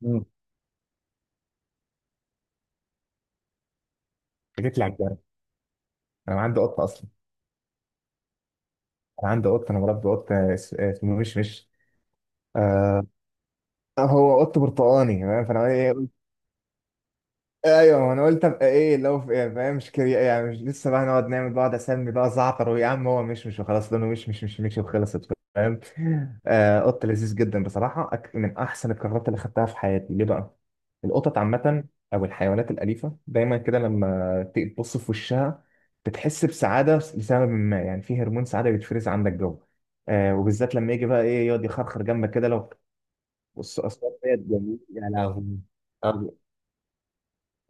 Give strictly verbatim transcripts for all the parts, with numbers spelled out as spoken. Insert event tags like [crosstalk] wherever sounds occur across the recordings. مم. انت جيت لي على الجرح. انا عندي قطه اصلا. انا عندي قطه، انا مربي قطه اس- اسمه مش مش آه. هو قط برتقاني تمام، فانا إيه، ايوه ما انا قلت ابقى ايه لو في إيه، فاهم، مش كري، يعني مش لسه بقى نقعد نعمل، بقعد اسمي بقى زعتر ويا عم هو مش مش وخلاص، لونه مش مش مش مش وخلصت، فاهم. آه، قط لذيذ جدا بصراحه، أك- من احسن القرارات اللي خدتها في حياتي. ليه بقى؟ القطط عامه او الحيوانات الاليفه دايما كده لما تيجي تبص في وشها بتحس بسعاده لسبب ما، يعني في هرمون سعاده بيتفرز عندك جوه. آه، وبالذات لما يجي بقى ايه يقعد يخرخر جنبك كده. لو بص، اصوات ديت جميل يا لهوي.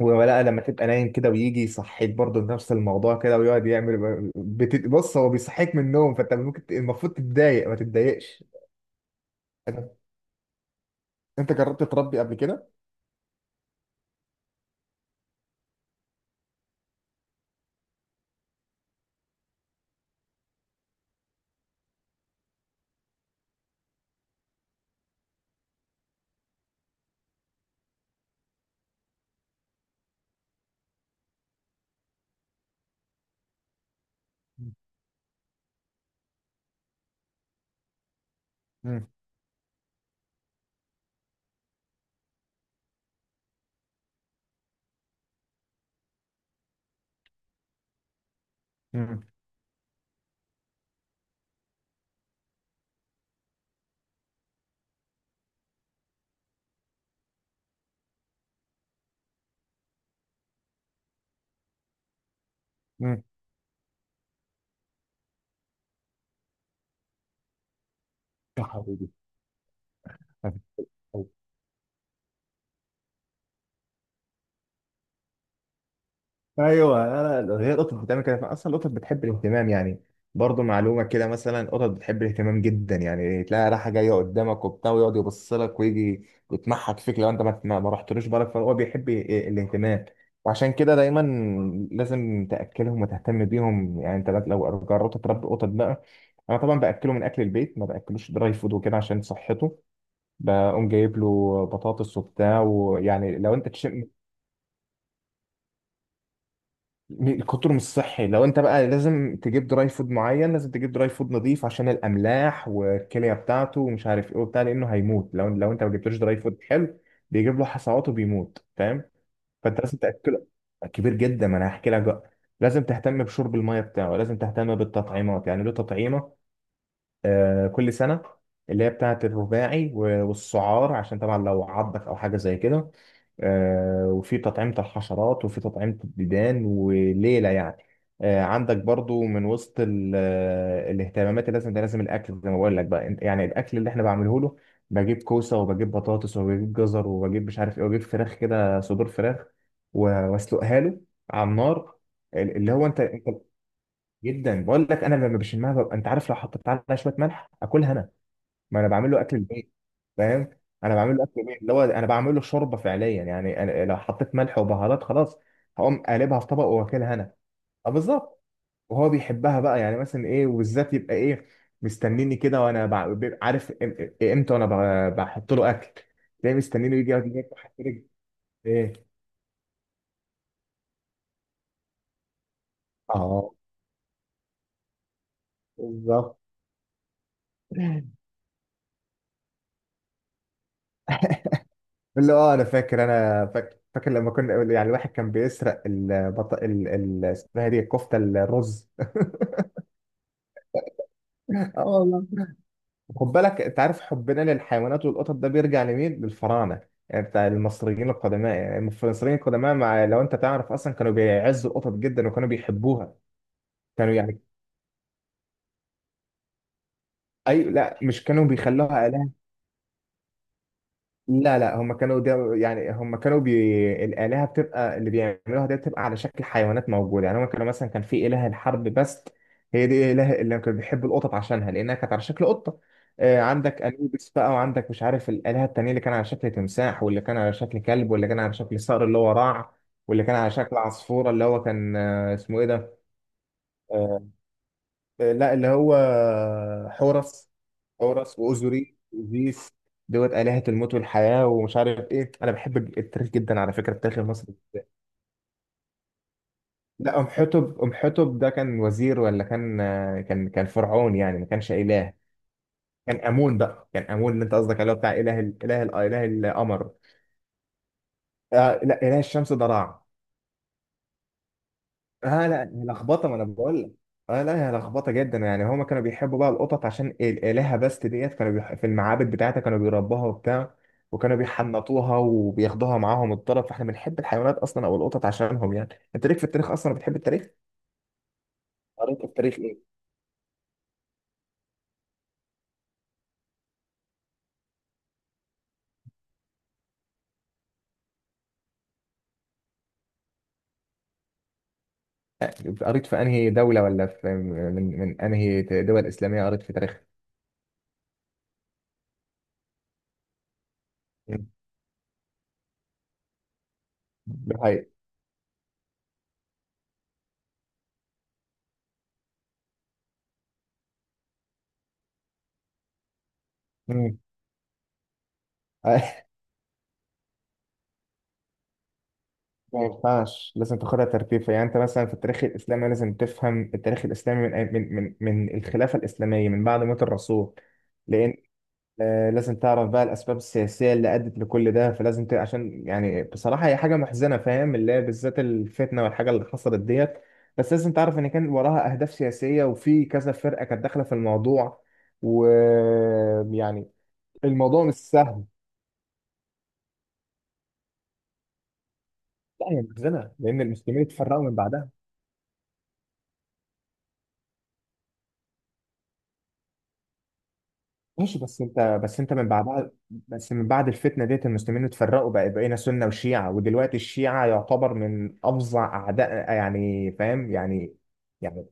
ولا لما تبقى نايم كده ويجي يصحيك برضه بنفس الموضوع كده ويقعد يعمل بت... بص، هو بيصحيك من النوم، فانت ممكن ت- المفروض تتضايق، ما تتضايقش. انت، أنت جربت تربي قبل كده؟ امم. امم. يا حبيبي. ايوه، لا، لا، هي القطط بتعمل كده اصلا، القطط بتحب الاهتمام يعني. برضه معلومه كده، مثلا القطط بتحب الاهتمام جدا، يعني تلاقي رايحه جايه قدامك وبتاع ويقعد يبص لك ويجي يتمحك فيك لو انت ما ما ما رحتلوش بالك، فهو بيحب ال- الاهتمام. وعشان كده دايما لازم تاكلهم وتهتم بيهم، يعني انت بقى لو جربت تربي قطط بقى. انا طبعا باكله من اكل البيت، ما باكلوش دراي فود وكده عشان صحته. بقوم جايب له بطاطس وبتاع، ويعني لو انت، الكتر مش صحي. لو انت بقى لازم تجيب دراي فود معين، لازم تجيب دراي فود نظيف عشان الاملاح والكليه بتاعته ومش عارف ايه وبتاع، لانه هيموت لو لو انت ما جبتلوش دراي فود حلو، بيجيب له حصوات وبيموت، فاهم. فانت لازم تاكله، كبير جدا. ما انا هحكي لك بقى، لازم تهتم بشرب الميه بتاعه، لازم تهتم بالتطعيمات. يعني له تطعيمه آه، كل سنة، اللي هي بتاعة الرباعي و- والسعار عشان طبعا لو عضك أو حاجة زي كده. آه، وفي تطعيمة الحشرات وفي تطعيمة الديدان وليلة يعني. آه، عندك برضو من وسط ال- آه، الاهتمامات اللي لازم، ده لازم الأكل زي ما بقول لك بقى. أنت- يعني الأكل اللي احنا بعمله له، بجيب كوسة وبجيب بطاطس وبجيب جزر وبجيب مش عارف ايه وبجيب فراخ كده، صدور فراخ و- واسلقها له على النار ال- اللي هو انت. جدا، بقول لك انا لما بشمها ببقى، انت عارف لو حطيت عليها شويه ملح اكلها انا. ما انا بعمل له اكل البيت، فاهم. انا بعمل له اكل البيت اللي هو انا بعمل له شوربه فعليا، يعني أنا لو حطيت ملح وبهارات خلاص هقوم قالبها في طبق واكلها انا. اه، بالظبط. وهو بيحبها بقى، يعني مثلا ايه، وبالذات يبقى ايه مستنيني كده. وانا بع- بيبقى عارف إم- امتى وانا ب- بحط له اكل، تلاقيه مستنيني يجي يقعد ياكل حتى رجل. ايه، اه بالظبط. [laughs] اللي، اه، انا فاكر، انا فاكر فاكر لما كنا، يعني الواحد كان بيسرق البط... ال... ال... اسمها إيه دي، الكفته الرز. [laughs] اه والله. خد بالك انت، عارف حبنا للحيوانات والقطط ده بيرجع لمين؟ للفراعنه. يعني بتاع المصريين القدماء، يعني المصريين القدماء مع، لو انت تعرف اصلا كانوا بيعزوا القطط جدا وكانوا بيحبوها. كانوا يعني، اي لا، مش كانوا بيخلوها آلهة. لا، لا، هم كانوا ده، يعني هم كانوا بي... الآلهة بتبقى اللي بيعملوها دي بتبقى على شكل حيوانات موجودة. يعني هم كانوا مثلا كان في إله الحرب بس، هي دي إله اللي كانوا بيحبوا القطط عشانها لأنها كانت على شكل قطة. آه، عندك أنوبيس بقى، وعندك مش عارف الآلهة التانية اللي كان على شكل تمساح، واللي كان على شكل كلب، واللي كان على شكل صقر اللي هو راع، واللي كان على شكل عصفورة اللي هو كان، آه، اسمه إيه ده. آه، آه، لا اللي هو حورس. حورس وأوزوريت وزيف دوت، آلهة الموت والحياة ومش عارف ايه. انا بحب التاريخ جدا على فكرة، التاريخ المصري. لا، ام حتب، ام حتب ده كان وزير ولا كان آه، كان كان فرعون، يعني ما كانش إله. كان آمون بقى، كان آمون اللي انت قصدك عليه، بتاع إله ال- إله ال- إله القمر. آه لا، إله الشمس ده راع. اه لا هي لخبطه، ما انا بقول لك. اه لا هي لخبطه جدا. يعني هما كانوا بيحبوا بقى القطط عشان ال- الهه. بس ديت كانوا بيح... في المعابد بتاعتها كانوا بيربوها وبتاع، وكانوا بيحنطوها وبياخدوها معاهم الطرف. فاحنا بنحب الحيوانات اصلا او القطط عشانهم يعني. انت ليك في التاريخ اصلا، بتحب التاريخ؟ قريت في التاريخ ايه؟ آه، قريت في انهي دوله، ولا في من، من انهي دول اسلاميه قريت في تاريخ؟ مم. ده حقيقي. مم. [laughs] ما ينفعش، لازم تاخدها ترتيب. يعني انت مثلا في التاريخ الاسلامي لازم تفهم التاريخ الاسلامي من من من, من الخلافه الاسلاميه من بعد موت الرسول. لان آه، لازم تعرف بقى الاسباب السياسيه اللي ادت لكل ده. فلازم ت... عشان يعني بصراحه هي حاجه محزنه، فاهم، اللي هي بالذات الفتنه والحاجه اللي حصلت ديت. بس لازم تعرف ان كان وراها اهداف سياسيه، وفي كذا فرقه كانت داخله في الموضوع. ويعني الموضوع مش سهل. لا، هي محزنه لان المسلمين اتفرقوا من بعدها. ماشي، بس انت، بس انت من بعدها، بس من بعد الفتنه ديت المسلمين اتفرقوا بقى، بقينا سنه وشيعه، ودلوقتي الشيعه يعتبر من افظع اعداء، يعني فاهم يعني. يعني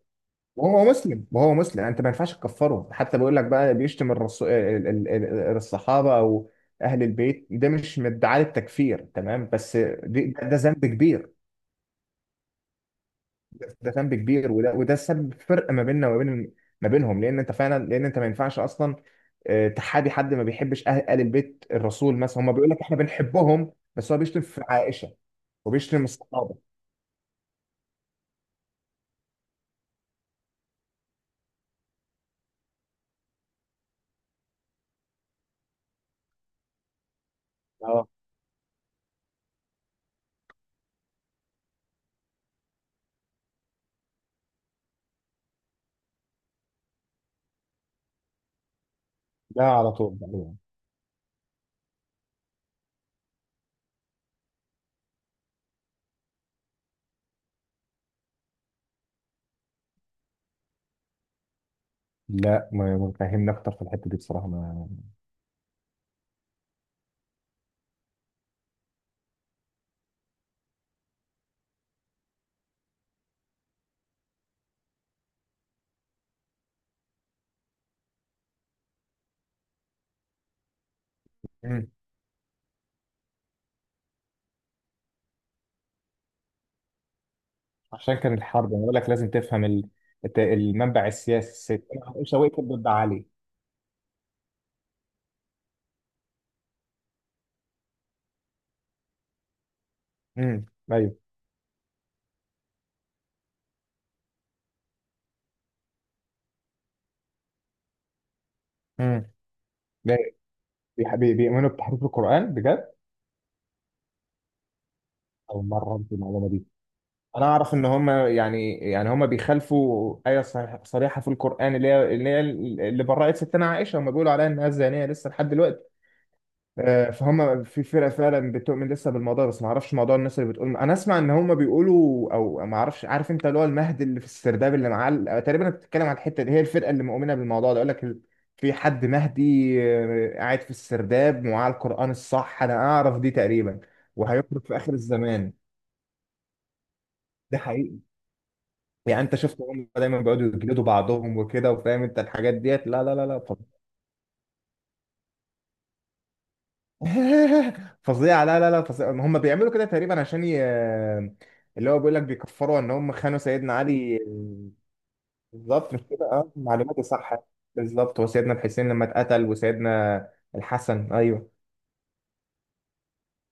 وهو مسلم، وهو مسلم، يعني انت ما ينفعش تكفره. حتى بيقول لك بقى، بيشتم الرسو... ال- ال- ال- الصحابه او اهل البيت. ده مش من ادعاء التكفير تمام، بس دي- ده, ده ذنب كبير. ده ذنب كبير، وده وده سبب فرق ما بيننا وما بين، ما بينهم. لان انت فعلا، لان انت ما ينفعش اصلا آه، تحابي حد ما بيحبش اهل آل البيت الرسول. مثلا هم بيقول لك احنا بنحبهم، بس هو بيشتم في عائشه وبيشتم الصحابه. اه لا، على طول تقريبا. لا، ما، ما فهمني اكتر في الحته دي بصراحه ما. مم. عشان كان الحرب، انا بقول لك لازم تفهم ال... الت- المنبع السياسي. الست عائشه وقفت ضد علي. امم. ايوه. امم. لا، بيح- بي- بيؤمنوا بتحريف القران بجد. اول مره اعرف المعلومه دي. انا اعرف ان هم يعني، يعني هم بيخالفوا ايه صح- صريحه في القران، اللي هي اللي هي اللي برأت ستنا عائشه، هم بيقولوا عليها انها زانيه لسه لحد دلوقتي. آه، فهم في فرقه فعلا بتؤمن لسه بالموضوع. بس ما اعرفش موضوع الناس اللي بتقول، انا اسمع ان هم بيقولوا، او ما اعرفش، عارف انت اللي هو المهد اللي في السرداب اللي معاه ال- تقريبا انت بتتكلم عن الحته دي، هي الفرقه اللي مؤمنه بالموضوع ده، يقول لك ال- في حد مهدي آه، قاعد في السرداب ومعاه القران الصح، انا اعرف دي تقريبا، وهيخرج في اخر الزمان. ده يعني انت شفت، هم دايما بيقعدوا يجلدوا بعضهم وكده، وفاهم انت الحاجات ديت. لا، لا، لا، لا، فظ- [laughs] فظيعه. لا، لا، لا، فظيعه، هم بيعملوا كده تقريبا عشان ي... اللي هو بيقول لك بيكفروا ان هم خانوا سيدنا علي. بالظبط، مش كده، اه معلوماتي صح. بالظبط، وسيدنا الحسين لما اتقتل، وسيدنا الحسن. ايوه،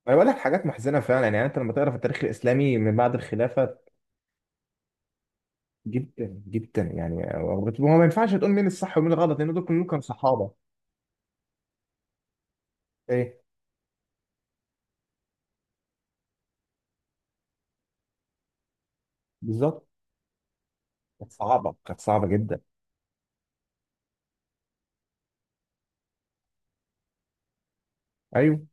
انا بقول لك حاجات محزنه فعلا. يعني انت لما تقرا في التاريخ الاسلامي من بعد الخلافه، جدا جدا. يعني هو ما ينفعش تقول مين الصح ومين الغلط، لان دول كلهم كانوا صحابه. ايه بالظبط. كانت صعبة، كانت صعبة جدا. أيوه.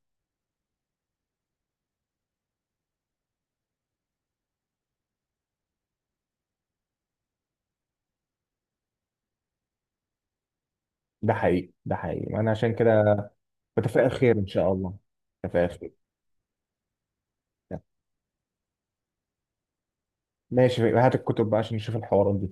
ده حقيقي، ده حقيقي. أنا عشان كده بتفائل خير إن شاء الله. بتفائل خير. ماشي، هات الكتب بقى عشان نشوف الحوارات دي.